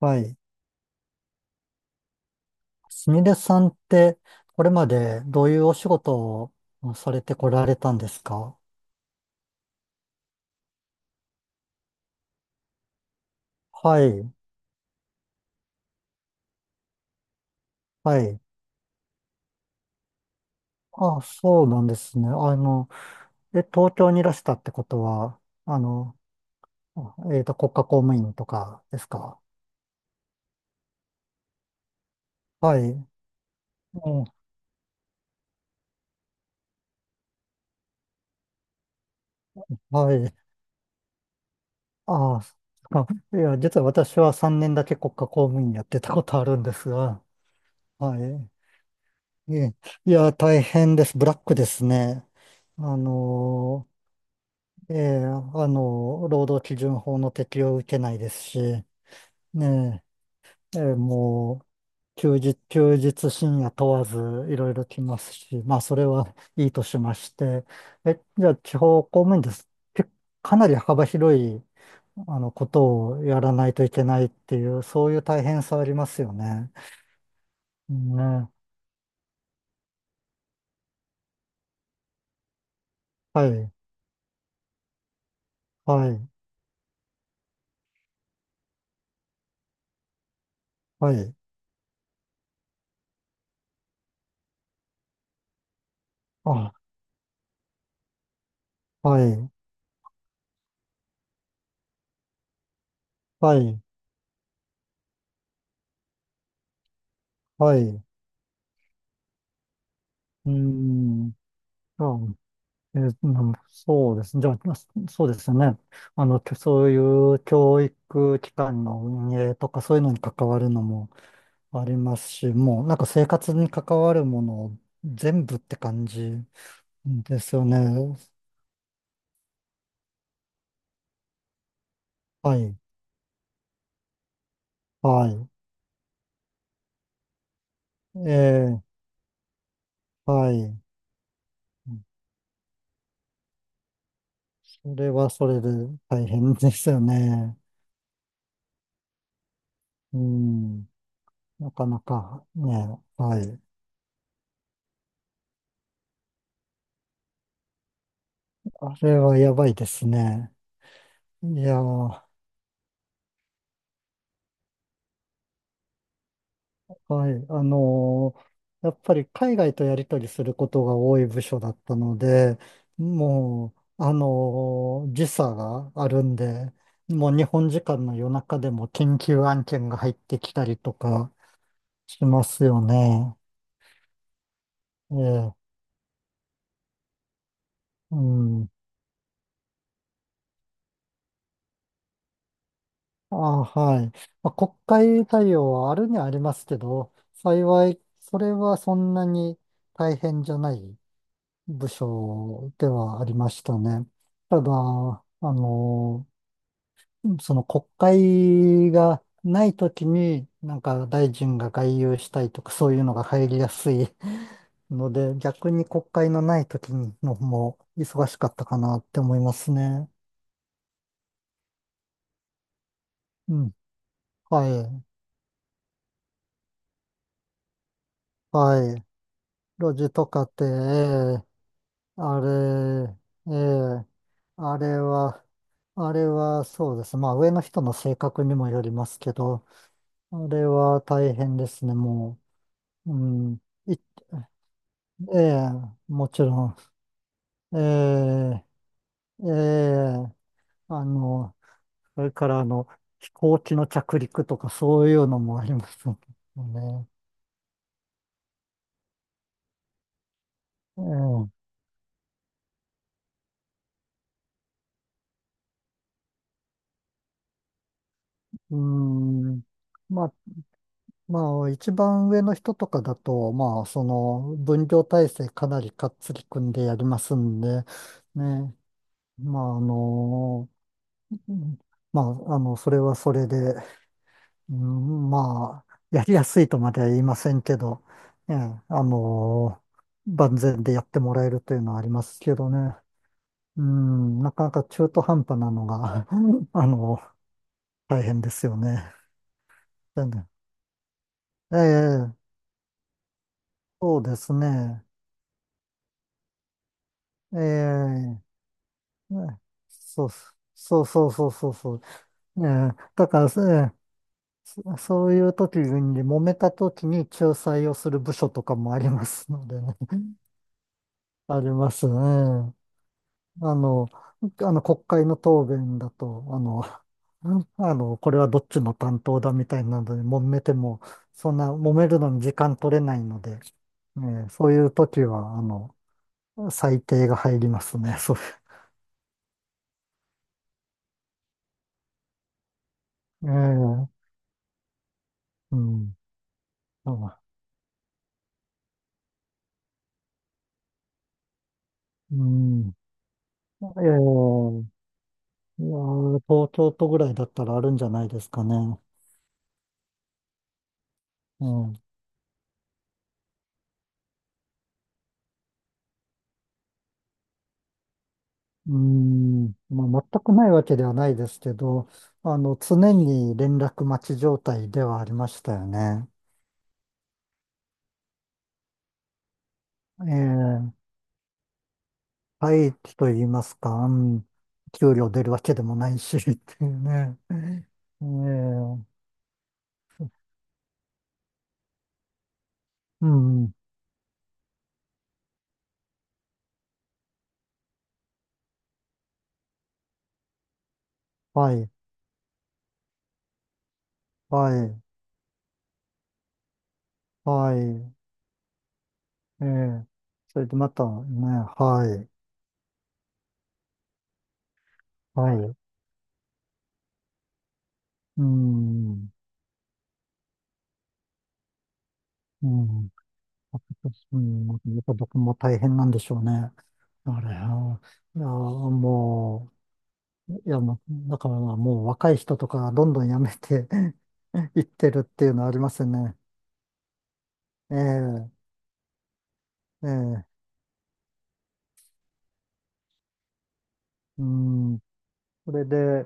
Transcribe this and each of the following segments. はい。すみれさんって、これまでどういうお仕事をされてこられたんですか？はい。はい。あ、そうなんですね。東京にいらしたってことは、国家公務員とかですか？はい。うん。はい。ああ、そっか。いや、実は私は3年だけ国家公務員やってたことあるんですが、はい。いえいや、大変です。ブラックですね。あのーええ、労働基準法の適用を受けないですし、ね。え、ええ、もう、休日、休日深夜問わず、いろいろ来ますし、まあ、それはいいとしまして、じゃあ、地方公務員です。けかなり幅広い、ことをやらないといけないっていう、そういう大変さありますよね。ね。はい、はい、はい、あ、はい、はい、はい、うーん、あ、うん、そうですね。じゃあ、そうですね。そういう教育機関の運営とかそういうのに関わるのもありますし、もうなんか生活に関わるもの全部って感じですよね。はい、はい。えー、はい。それはそれで大変ですよね。うん、なかなかね、はい。あれはやばいですね。いやー。はい。やっぱり海外とやり取りすることが多い部署だったので、もう、時差があるんで、もう日本時間の夜中でも緊急案件が入ってきたりとかしますよね。ええ、うん。あ、はい。まあ、国会対応はあるにはありますけど、幸い、それはそんなに大変じゃない部署ではありましたね。ただ、その国会がないときに、なんか大臣が外遊したいとか、そういうのが入りやすい ので、逆に国会のないときの方も忙しかったかなって思いますね。うん。はい。はい。路地とかって、ええ、あれ、ええ、あれは、あれはそうです。まあ上の人の性格にもよりますけど、あれは大変ですね、もう。うん。い、ええ、もちろん。ええ、ええ、あの、それから飛行機の着陸とかそういうのもありますもんね。ええ、うん。まあ、まあ、一番上の人とかだと、まあ、その、分業体制かなりかっつり組んでやりますんで、ね。まあ、まあ、それはそれで、うん、まあ、やりやすいとまでは言いませんけど、ええ、あの万全でやってもらえるというのはありますけどね。うん、なかなか中途半端なのが、あの大変ですよね。でね、ええ、そうですね。ええ、ね、そう、そうそうそうそうそう。ええ、だから、ええ、そういう時に、揉めた時に仲裁をする部署とかもありますのでね。ありますね。あの、国会の答弁だと、これはどっちの担当だみたいなので揉めても、そんな揉めるのに時間取れないので、そういう時は、裁定が入りますね。そう、えーうん、あうん、えーいやー、東京都ぐらいだったらあるんじゃないですかね。うん。うーん、まあ、全くないわけではないですけど、常に連絡待ち状態ではありましたよね。ええ、廃棄と言いますか、うん、給料出るわけでもないし、っていうね。ええ、うん、はい、はい、はい、ええ、それでまたね、はい、はい、うん、うん。うん、やっぱ僕も大変なんでしょうね。あれ、あー、いやー、もう、いや、もう、だからもう若い人とかどんどん辞めて いってるっていうのはありますよね。ええ、ええ、うん。それで、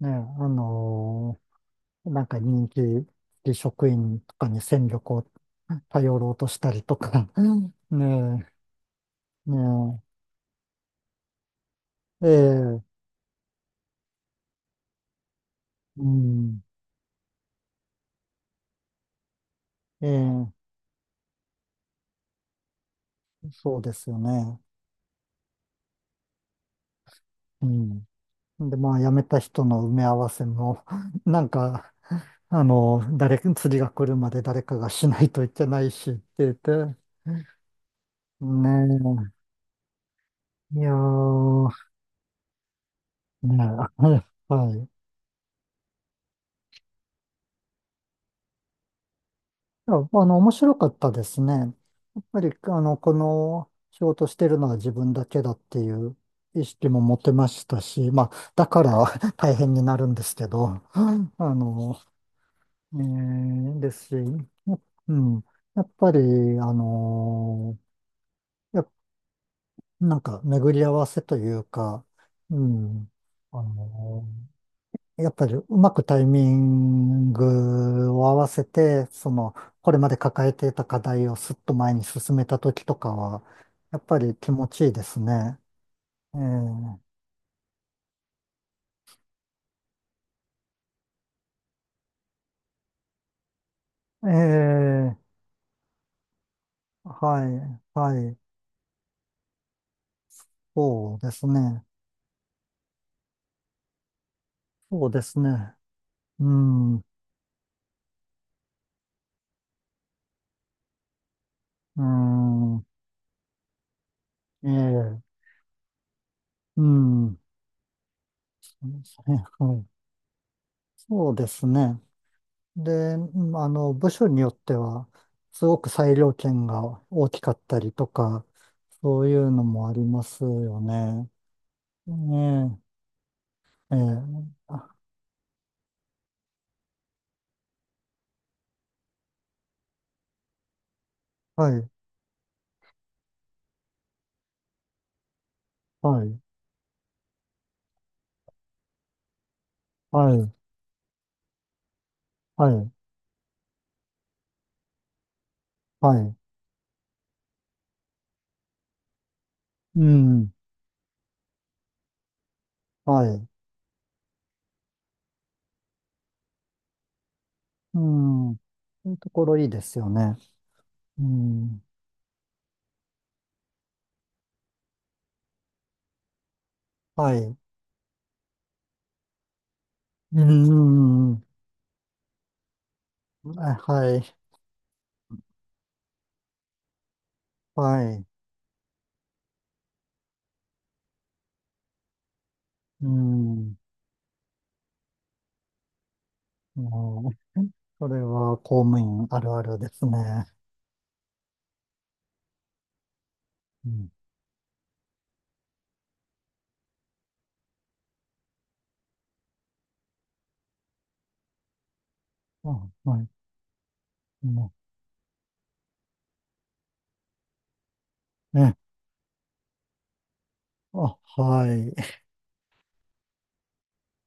ね、のなんか人気職員とかに戦力を頼ろうとしたりとか、うん、 ねえ、ねえ、ええ、うん、ええ、そうですよね。うん。で、まあ、辞めた人の埋め合わせも、なんか、誰、釣りが来るまで誰かがしないといけないしって言って、ねえ、いやー、ねえ、はい。いや、面白かったですね。やっぱり、この仕事してるのは自分だけだっていう意識も持てましたし、まあ、だから 大変になるんですけど、ねえーですし、や、うん、やっぱり、あのいや、なんか巡り合わせというか、うん、あのやっぱりうまくタイミングを合わせて、その、これまで抱えていた課題をすっと前に進めた時とかは、やっぱり気持ちいいですね。ええ、ええ、はい、はい、そうですね。そうですね。うん、うん、ええ、うん、そうですね、はい、そうですね。で、うん、部署によっては、すごく裁量権が大きかったりとか、そういうのもありますよね。ね、ええ、え、あはい、はい、はい、はい、はい、うん、はい、うん、そういうところいいですよね。うん、はい、うん、はい、はい、うん、もう、それは公務員あるあるですね。うん、あ、はい。うん、ね。あ、はい。